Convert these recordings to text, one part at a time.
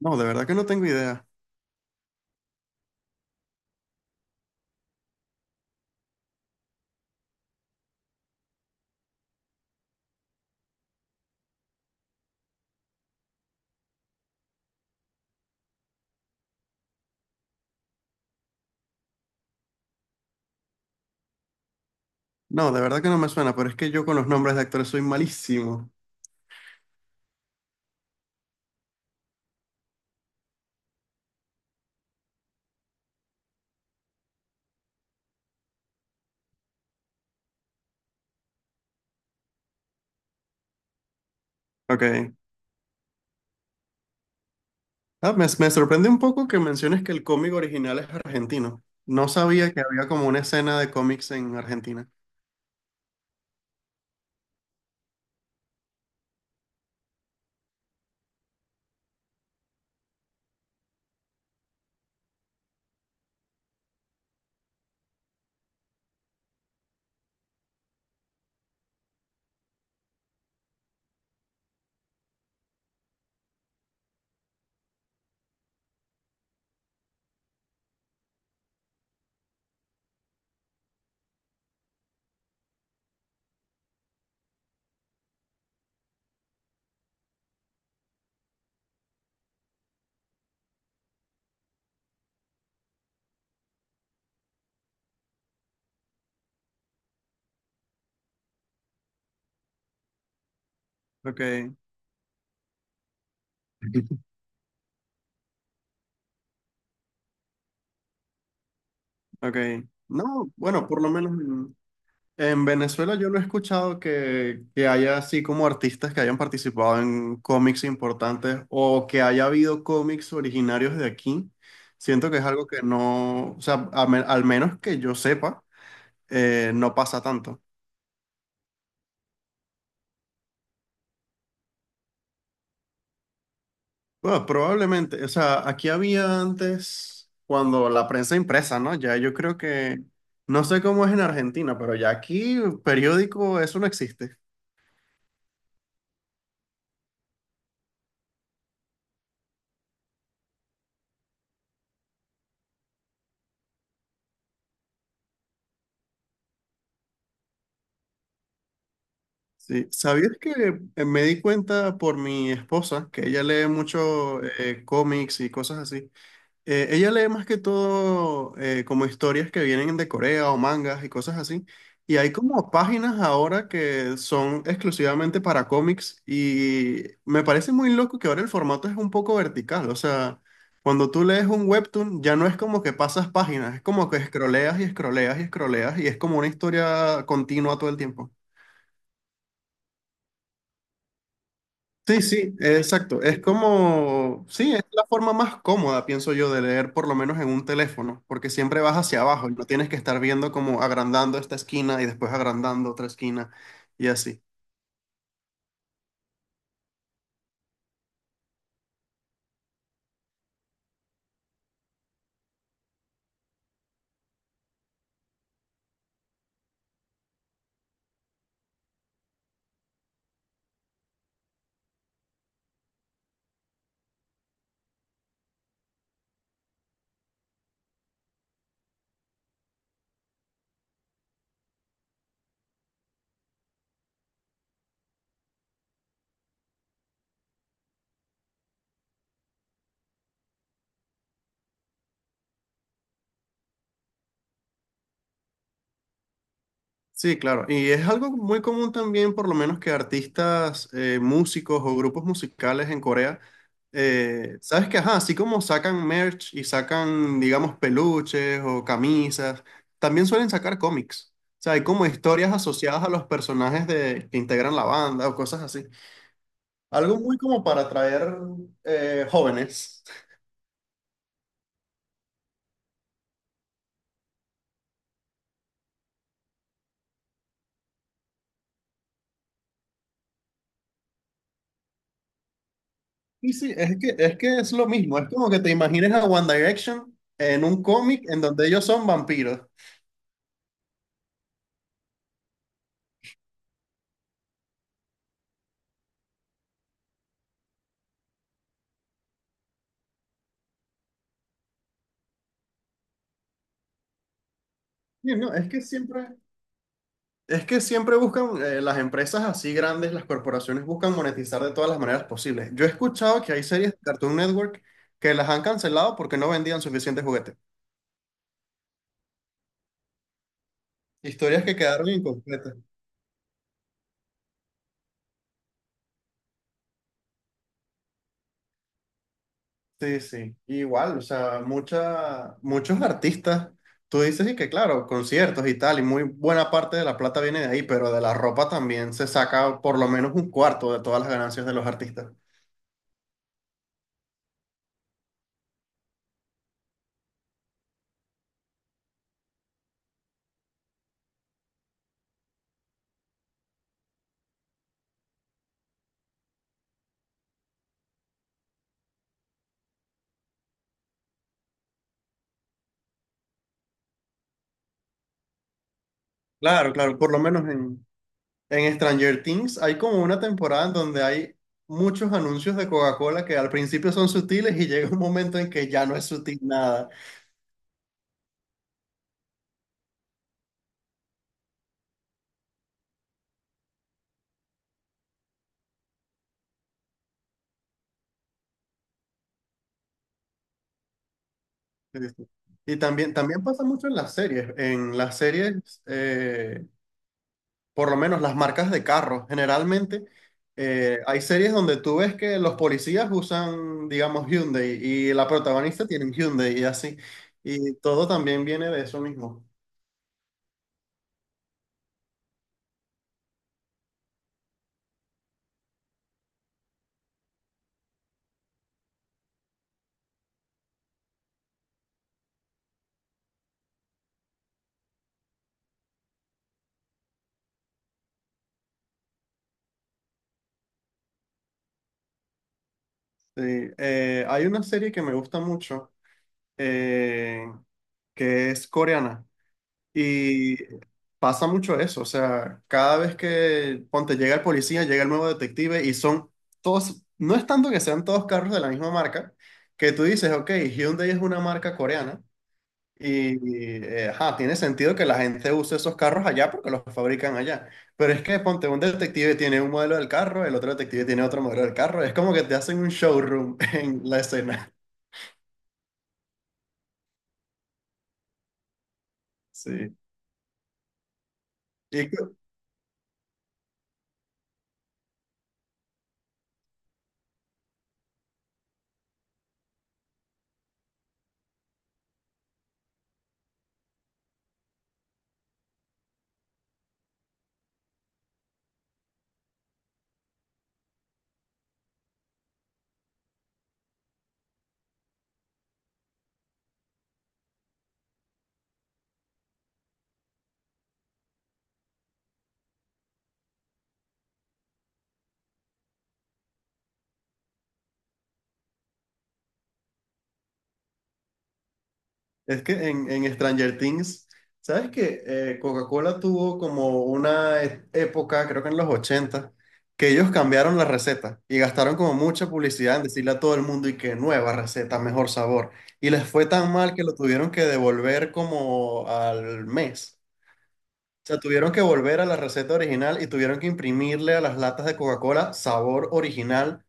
No, de verdad que no tengo idea. No, de verdad que no me suena, pero es que yo con los nombres de actores soy malísimo. Ok. Ah, me sorprende un poco que menciones que el cómic original es argentino. No sabía que había como una escena de cómics en Argentina. Ok, ok. No, bueno, por lo menos. En Venezuela yo no he escuchado que haya así como artistas que hayan participado en cómics importantes o que haya habido cómics originarios de aquí. Siento que es algo que no, o sea, a me- al menos que yo sepa, no pasa tanto. Bueno, probablemente, o sea, aquí había antes cuando la prensa impresa, ¿no? Ya yo creo que, no sé cómo es en Argentina, pero ya aquí periódico, eso no existe. Sí, ¿sabías que me di cuenta por mi esposa, que ella lee mucho cómics y cosas así? Ella lee más que todo como historias que vienen de Corea o mangas y cosas así. Y hay como páginas ahora que son exclusivamente para cómics y me parece muy loco que ahora el formato es un poco vertical. O sea, cuando tú lees un webtoon ya no es como que pasas páginas, es como que escroleas y escroleas y escroleas y es como una historia continua todo el tiempo. Sí, sí, exacto. Es como, sí, es la forma más cómoda, pienso yo, de leer por lo menos en un teléfono, porque siempre vas hacia abajo y no tienes que estar viendo como agrandando esta esquina y después agrandando otra esquina y así. Sí, claro. Y es algo muy común también, por lo menos, que artistas, músicos o grupos musicales en Corea, sabes que, ajá, así como sacan merch y sacan, digamos, peluches o camisas, también suelen sacar cómics. O sea, hay como historias asociadas a los personajes de, que integran la banda o cosas así. Algo muy como para atraer jóvenes. Y sí, es que es lo mismo. Es como que te imagines a One Direction en un cómic en donde ellos son vampiros. Sí, no, es que siempre buscan, las empresas así grandes, las corporaciones buscan monetizar de todas las maneras posibles. Yo he escuchado que hay series de Cartoon Network que las han cancelado porque no vendían suficientes juguetes. Historias que quedaron incompletas. Sí, sí. Igual, o sea, muchos artistas, tú dices y que claro, conciertos y tal, y muy buena parte de la plata viene de ahí, pero de la ropa también se saca por lo menos un cuarto de todas las ganancias de los artistas. Claro, claro, por lo menos en Stranger Things hay como una temporada en donde hay muchos anuncios de Coca-Cola que al principio son sutiles y llega un momento en que ya no es sutil nada. Este, y también pasa mucho en las series. En las series, por lo menos las marcas de carros, generalmente hay series donde tú ves que los policías usan, digamos, Hyundai y la protagonista tiene un Hyundai y así. Y todo también viene de eso mismo. Sí, hay una serie que me gusta mucho eh, que es coreana. Y pasa mucho eso, o sea, cada vez que, ponte, llega el policía, llega el nuevo detective y son todos, no es tanto que sean todos carros de la misma marca, que tú dices, ok, Hyundai es una marca coreana y, ajá, tiene sentido que la gente use esos carros allá porque los fabrican allá. Pero es que, ponte, un detective tiene un modelo del carro, el otro detective tiene otro modelo del carro, es como que te hacen un showroom en la escena. Sí. ¿Y, es que en Stranger Things, ¿sabes qué? Coca-Cola tuvo como una e- época, creo que en los 80 que ellos cambiaron la receta y gastaron como mucha publicidad en decirle a todo el mundo y que nueva receta, mejor sabor. Y les fue tan mal que lo tuvieron que devolver como al mes. O sea, tuvieron que volver a la receta original y tuvieron que imprimirle a las latas de Coca-Cola sabor original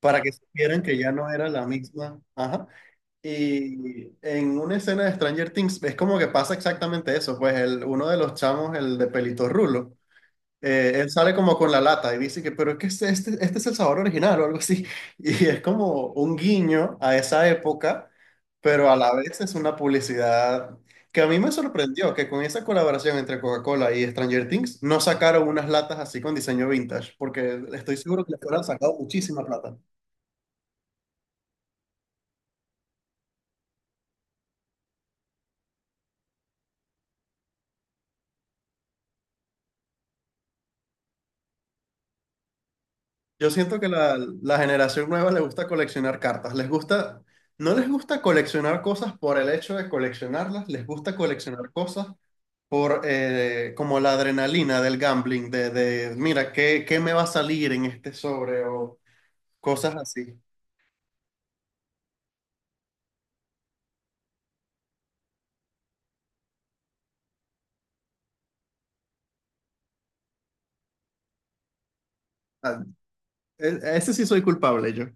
para que supieran que ya no era la misma. Ajá. Y en una escena de Stranger Things es como que pasa exactamente eso, pues el, uno de los chamos, el de pelito rulo, él sale como con la lata y dice que, pero es que este es el sabor original o algo así. Y es como un guiño a esa época, pero a la vez es una publicidad que a mí me sorprendió que con esa colaboración entre Coca-Cola y Stranger Things no sacaron unas latas así con diseño vintage, porque estoy seguro que les hubieran sacado muchísima plata. Yo siento que la generación nueva le gusta coleccionar cartas. Les gusta, no les gusta coleccionar cosas por el hecho de coleccionarlas, les gusta coleccionar cosas por como la adrenalina del gambling, de mira, ¿qué me va a salir en este sobre? O cosas así. Ah, e- ese sí soy culpable yo.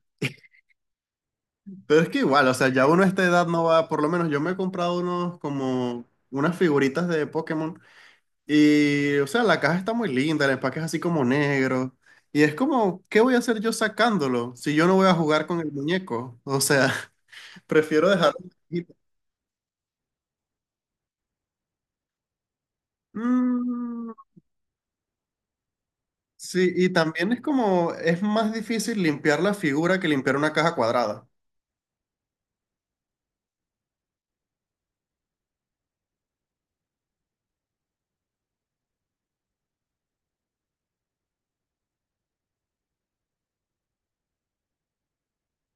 Pero es que igual, o sea, ya uno a esta edad no va, por lo menos yo me he comprado unos como unas figuritas de Pokémon. Y, o sea, la caja está muy linda, el empaque es así como negro. Y es como, ¿qué voy a hacer yo sacándolo si yo no voy a jugar con el muñeco? O sea, prefiero dejarlo en la cajita. Mm, sí, y también es como, es más difícil limpiar la figura que limpiar una caja cuadrada.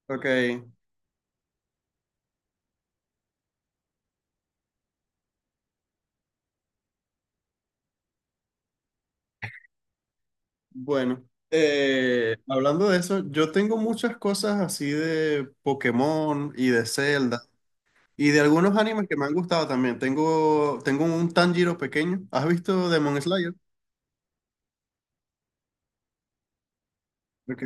Ok, bueno. Hablando de eso, yo tengo muchas cosas así de Pokémon y de Zelda. Y de algunos animes que me han gustado también. Tengo un Tanjiro pequeño. ¿Has visto Demon Slayer? Ok,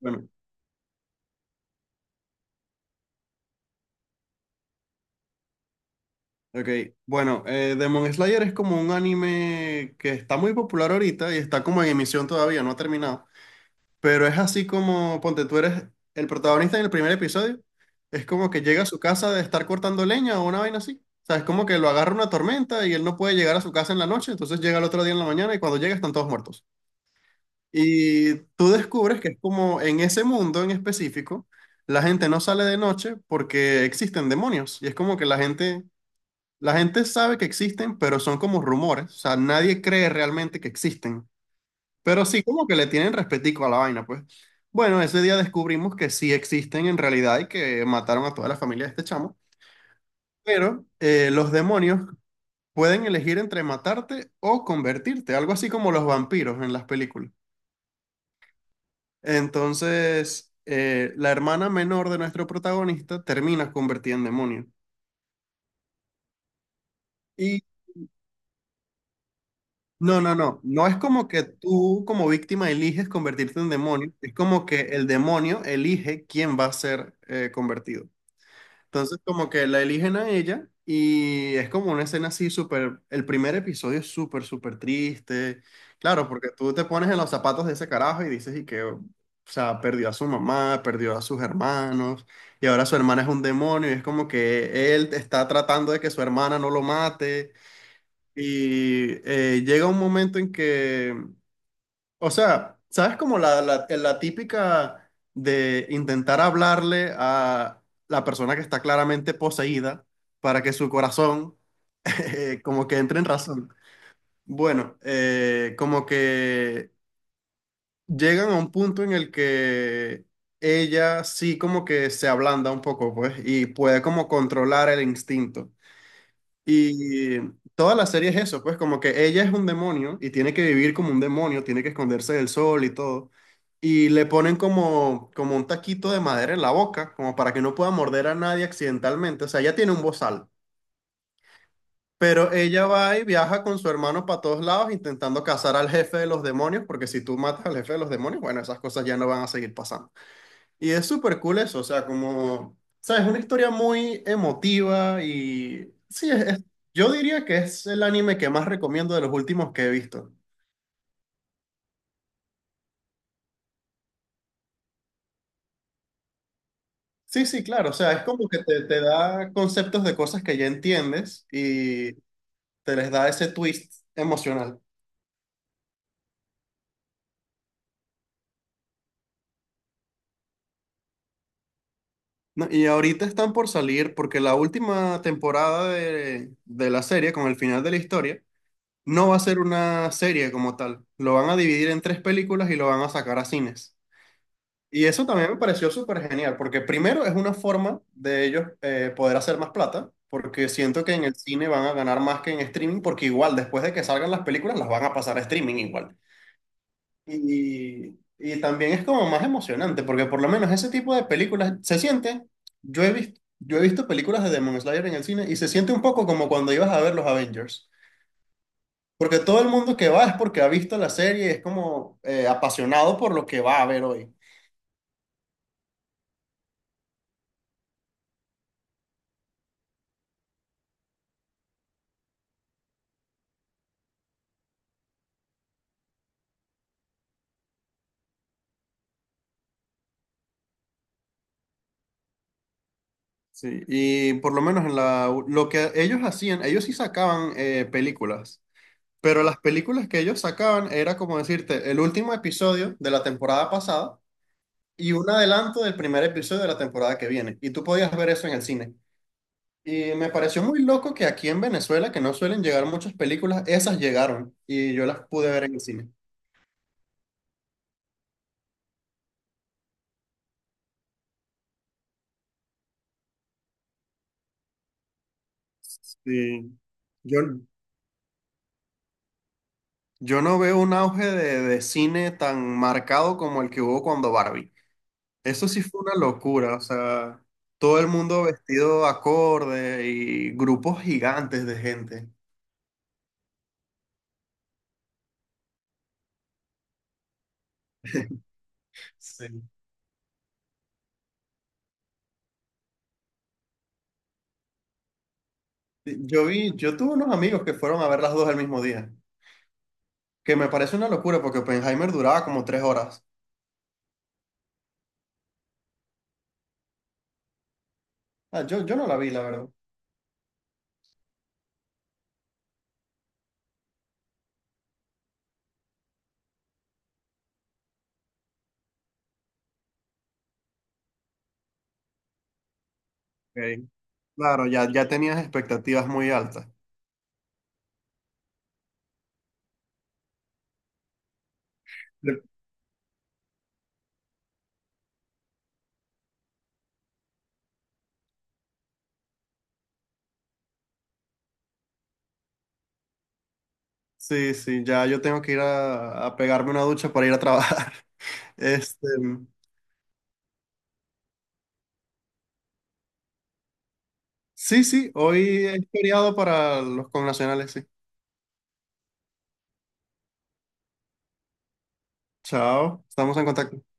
bueno, okay, bueno, Demon Slayer es como un anime que está muy popular ahorita y está como en emisión todavía, no ha terminado. Pero es así como, ponte, tú eres el protagonista en el primer episodio. Es como que llega a su casa de estar cortando leña o una vaina así. O sea, es como que lo agarra una tormenta y él no puede llegar a su casa en la noche, entonces llega el otro día en la mañana y cuando llega están todos muertos. Y tú descubres que es como en ese mundo en específico, la gente no sale de noche porque existen demonios. Y es como que la gente sabe que existen, pero son como rumores. O sea, nadie cree realmente que existen. Pero sí, como que le tienen respetico a la vaina, pues. Bueno, ese día descubrimos que sí existen en realidad y que mataron a toda la familia de este chamo. Pero los demonios pueden elegir entre matarte o convertirte, algo así como los vampiros en las películas. Entonces, la hermana menor de nuestro protagonista termina convertida en demonio. Y no, no, no. No es como que tú como víctima eliges convertirte en demonio, es como que el demonio elige quién va a ser convertido. Entonces como que la eligen a ella y es como una escena así súper, el primer episodio es súper, súper triste. Claro, porque tú te pones en los zapatos de ese carajo y dices y que, o sea, perdió a su mamá, perdió a sus hermanos y ahora su hermana es un demonio y es como que él está tratando de que su hermana no lo mate. Y llega un momento en que, o sea, ¿sabes como la típica de intentar hablarle a la persona que está claramente poseída para que su corazón como que entre en razón? Bueno, como que llegan a un punto en el que ella sí como que se ablanda un poco, pues, y puede como controlar el instinto. Y toda la serie es eso, pues como que ella es un demonio y tiene que vivir como un demonio, tiene que esconderse del sol y todo. Y le ponen como un taquito de madera en la boca, como para que no pueda morder a nadie accidentalmente. O sea, ella tiene un bozal. Pero ella va y viaja con su hermano para todos lados intentando cazar al jefe de los demonios, porque si tú matas al jefe de los demonios, bueno, esas cosas ya no van a seguir pasando. Y es súper cool eso, o sea, como, sabes, una historia muy emotiva y sí, es- yo diría que es el anime que más recomiendo de los últimos que he visto. Sí, sí, claro, o sea, es como que te da conceptos de cosas que ya entiendes y te les da ese twist emocional. No, y ahorita están por salir porque la última temporada de la serie, con el final de la historia, no va a ser una serie como tal. Lo van a dividir en 3 películas y lo van a sacar a cines. Y eso también me pareció súper genial, porque primero es una forma de ellos poder hacer más plata, porque siento que en el cine van a ganar más que en streaming, porque igual después de que salgan las películas las van a pasar a streaming igual. Y también es como más emocionante, porque por lo menos ese tipo de películas se siente, yo he visto películas de Demon Slayer en el cine y se siente un poco como cuando ibas a ver los Avengers, porque todo el mundo que va es porque ha visto la serie, es como apasionado por lo que va a ver hoy. Sí, y por lo menos en la, lo que ellos hacían, ellos sí sacaban películas, pero las películas que ellos sacaban era como decirte el último episodio de la temporada pasada y un adelanto del primer episodio de la temporada que viene. Y tú podías ver eso en el cine. Y me pareció muy loco que aquí en Venezuela, que no suelen llegar muchas películas, esas llegaron y yo las pude ver en el cine. Sí. Yo, yo no veo un auge de cine tan marcado como el que hubo cuando Barbie. Eso sí fue una locura, o sea, todo el mundo vestido acorde y grupos gigantes de gente. Sí. Yo vi, yo tuve unos amigos que fueron a ver las dos el mismo día, que me parece una locura porque Oppenheimer duraba como 3 horas. Ah, yo no la vi, la verdad. Ok. Claro, ya, ya tenías expectativas muy altas. Yo- sí, sí, ya yo tengo que ir a pegarme una ducha para ir a trabajar. Este, sí, sí, hoy es feriado para los connacionales, sí. Chao, estamos en contacto.